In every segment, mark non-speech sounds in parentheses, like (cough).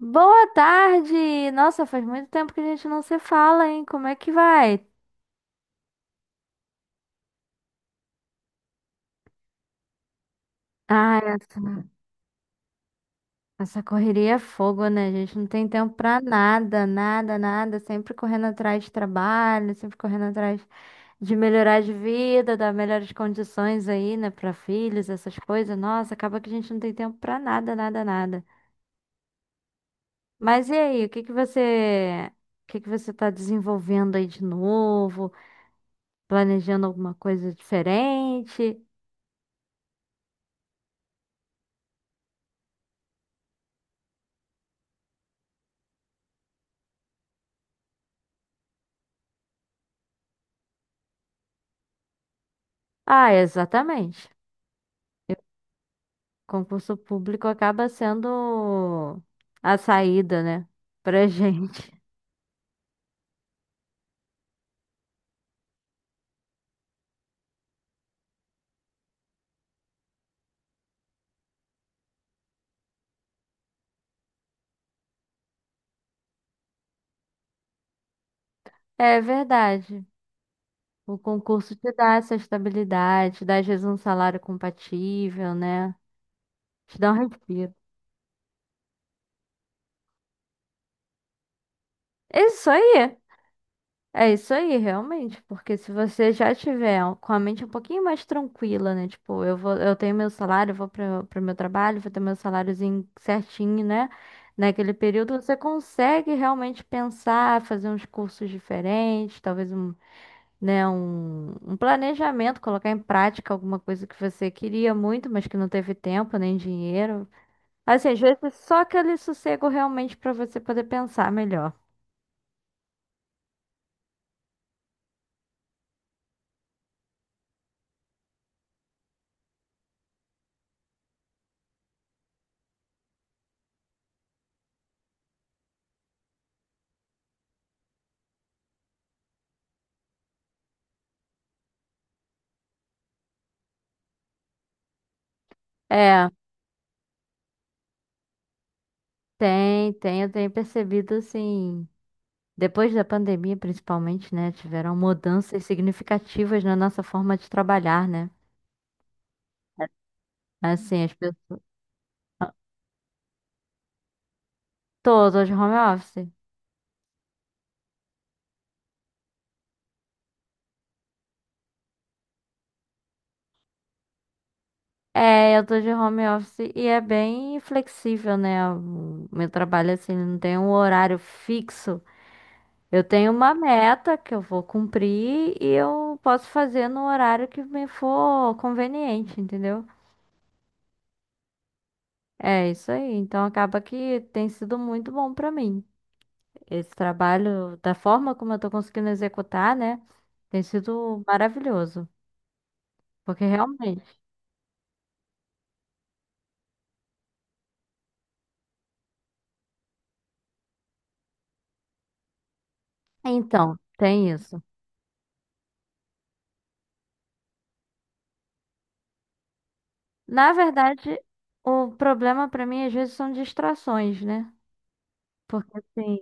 Boa tarde! Nossa, faz muito tempo que a gente não se fala, hein? Como é que vai? Ah, essa correria é fogo, né? A gente não tem tempo pra nada, nada, nada. Sempre correndo atrás de trabalho, sempre correndo atrás de melhorar de vida, dar melhores condições aí, né, pra filhos, essas coisas. Nossa, acaba que a gente não tem tempo pra nada, nada, nada. Mas e aí, o que que você tá desenvolvendo aí de novo? Planejando alguma coisa diferente? Ah, exatamente. E o concurso público acaba sendo a saída, né, pra (laughs) gente. É verdade. O concurso te dá essa estabilidade, te dá às vezes um salário compatível, né? Te dá um respiro. É isso aí. É isso aí, realmente, porque se você já tiver com a mente um pouquinho mais tranquila, né? Tipo, eu vou, eu tenho meu salário, eu vou para o meu trabalho, vou ter meu saláriozinho certinho, né? Naquele período você consegue realmente pensar, fazer uns cursos diferentes, talvez um planejamento, colocar em prática alguma coisa que você queria muito, mas que não teve tempo nem dinheiro. Assim, às vezes só aquele sossego realmente para você poder pensar melhor. É. Tem, eu tenho percebido assim, depois da pandemia principalmente, né, tiveram mudanças significativas na nossa forma de trabalhar, né? Assim, as pessoas, tô de home office. É, eu tô de home office e é bem flexível, né? O meu trabalho assim, não tem um horário fixo. Eu tenho uma meta que eu vou cumprir e eu posso fazer no horário que me for conveniente, entendeu? É isso aí. Então acaba que tem sido muito bom pra mim. Esse trabalho, da forma como eu tô conseguindo executar, né, tem sido maravilhoso. Porque realmente. Então, tem isso. Na verdade, o problema pra mim às vezes são distrações, né? Porque assim,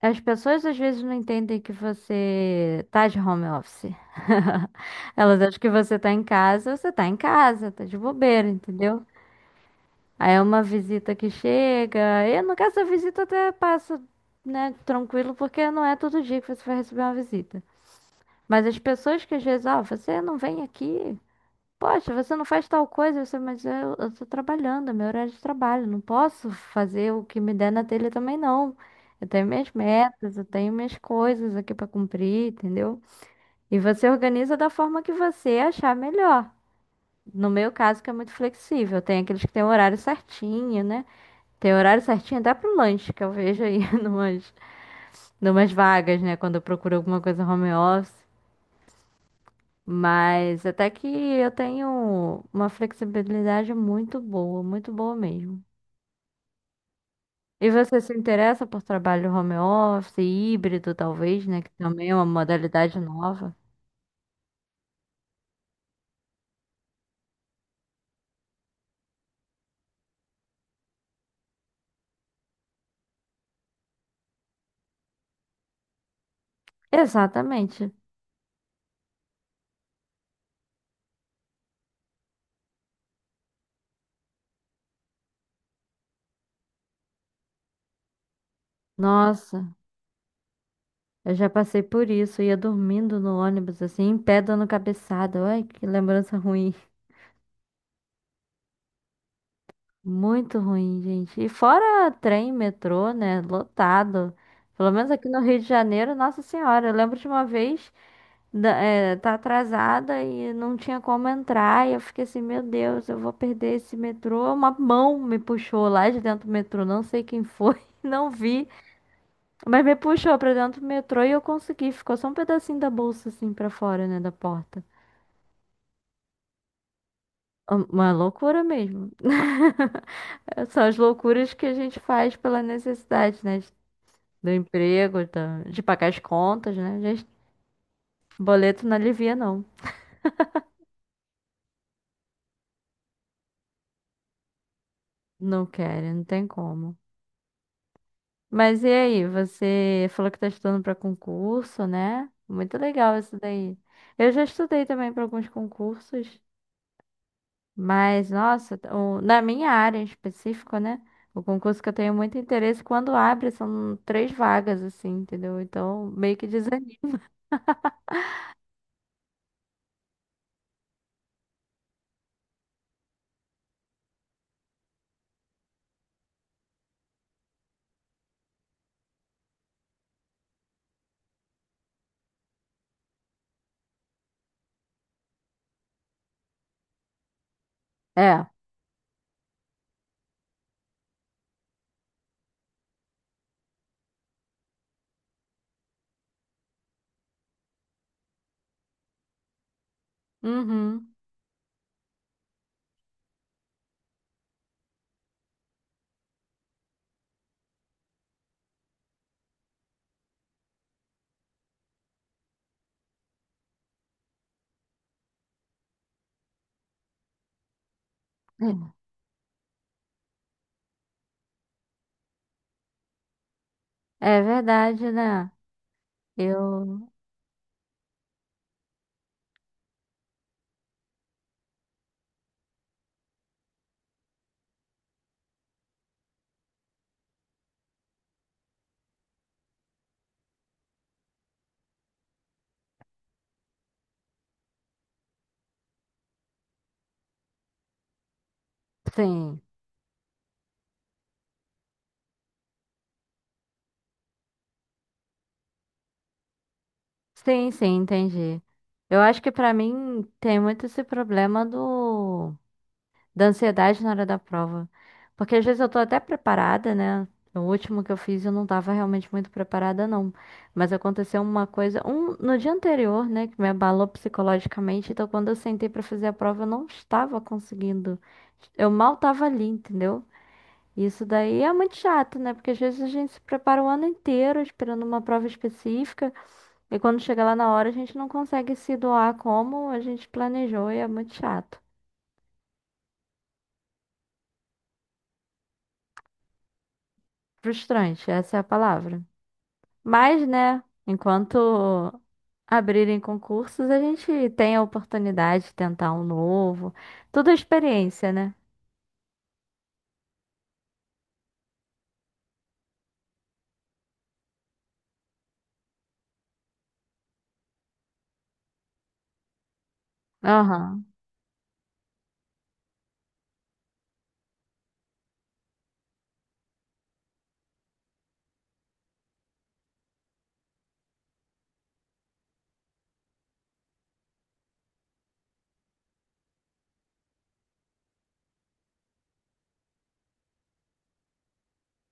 as pessoas às vezes não entendem que você tá de home office. (laughs) Elas acham que você tá em casa, você tá em casa, tá de bobeira, entendeu? Aí é uma visita que chega. E no caso, a visita até passa, né, tranquilo, porque não é todo dia que você vai receber uma visita. Mas as pessoas que às vezes, ó, você não vem aqui. Poxa, você não faz tal coisa, você, mas eu tô trabalhando, é meu horário de trabalho, não posso fazer o que me der na telha também não. Eu tenho minhas metas, eu tenho minhas coisas aqui pra cumprir, entendeu? E você organiza da forma que você achar melhor. No meu caso, que é muito flexível, tem aqueles que têm o horário certinho, né? Tem horário certinho até pro lanche, que eu vejo aí (laughs) numas vagas, né? Quando eu procuro alguma coisa home office. Mas até que eu tenho uma flexibilidade muito boa mesmo. E você se interessa por trabalho home office, híbrido, talvez, né? Que também é uma modalidade nova. Exatamente. Nossa, eu já passei por isso. Ia dormindo no ônibus, assim, em pé, dando cabeçada. Ai, que lembrança ruim. Muito ruim, gente. E fora trem, metrô, né? Lotado. Pelo menos aqui no Rio de Janeiro, Nossa Senhora. Eu lembro de uma vez, tá atrasada e não tinha como entrar. E eu fiquei assim, meu Deus, eu vou perder esse metrô. Uma mão me puxou lá de dentro do metrô. Não sei quem foi, (laughs) não vi. Mas me puxou pra dentro do metrô e eu consegui. Ficou só um pedacinho da bolsa assim pra fora, né? Da porta. Ah, uma loucura mesmo. (laughs) São as loucuras que a gente faz pela necessidade, né? Do emprego, de pagar as contas, né? Gente, boleto não alivia, não. Não querem, não tem como. Mas e aí, você falou que tá estudando para concurso, né? Muito legal isso daí. Eu já estudei também para alguns concursos, mas nossa, na minha área em específico, né? O concurso que eu tenho muito interesse, quando abre, são três vagas, assim, entendeu? Então, meio que desanima. É. Uhum. É verdade, né? Eu. Sim. Sim, sim, entendi. Eu acho que pra mim tem muito esse problema do da ansiedade na hora da prova. Porque às vezes eu tô até preparada, né? O último que eu fiz eu não tava realmente muito preparada, não. Mas aconteceu uma coisa, um no dia anterior, né, que me abalou psicologicamente. Então, quando eu sentei pra fazer a prova, eu não estava conseguindo. Eu mal tava ali, entendeu? Isso daí é muito chato, né? Porque às vezes a gente se prepara o ano inteiro esperando uma prova específica e quando chega lá na hora a gente não consegue se doar como a gente planejou e é muito chato. Frustrante, essa é a palavra. Mas, né, enquanto abrirem concursos, a gente tem a oportunidade de tentar um novo. Tudo é experiência, né? Aham.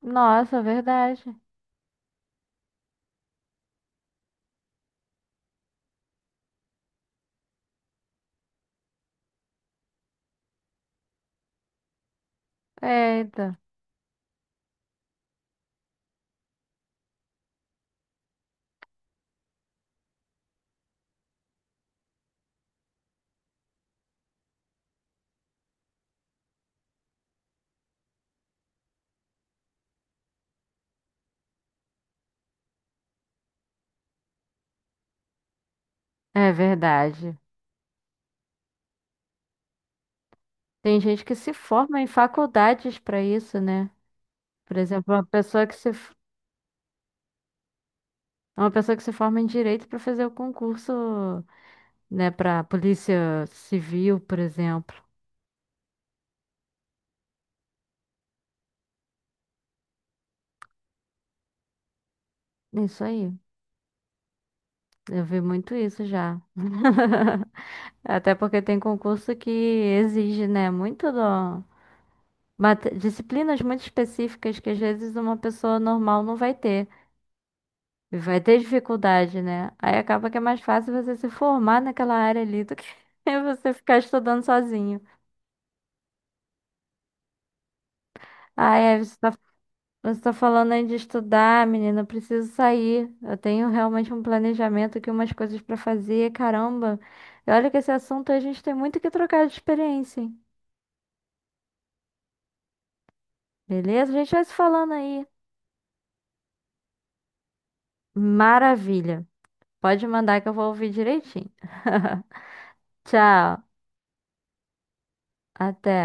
Nossa, verdade. Eita. É verdade. Tem gente que se forma em faculdades pra isso, né? Por exemplo, uma pessoa que se forma em direito para fazer o concurso, né, para polícia civil, por exemplo. Isso aí. Eu vi muito isso já. (laughs) Até porque tem concurso que exige, né, muito do... disciplinas muito específicas que às vezes uma pessoa normal não vai ter. E vai ter dificuldade, né? Aí acaba que é mais fácil você se formar naquela área ali do que (laughs) você ficar estudando sozinho. Ah, é, você tá falando aí de estudar, menina. Eu preciso sair. Eu tenho realmente um planejamento aqui, umas coisas pra fazer. Caramba. E olha que esse assunto a gente tem muito que trocar de experiência, hein? Beleza? A gente vai se falando aí. Maravilha. Pode mandar que eu vou ouvir direitinho. (laughs) Tchau. Até.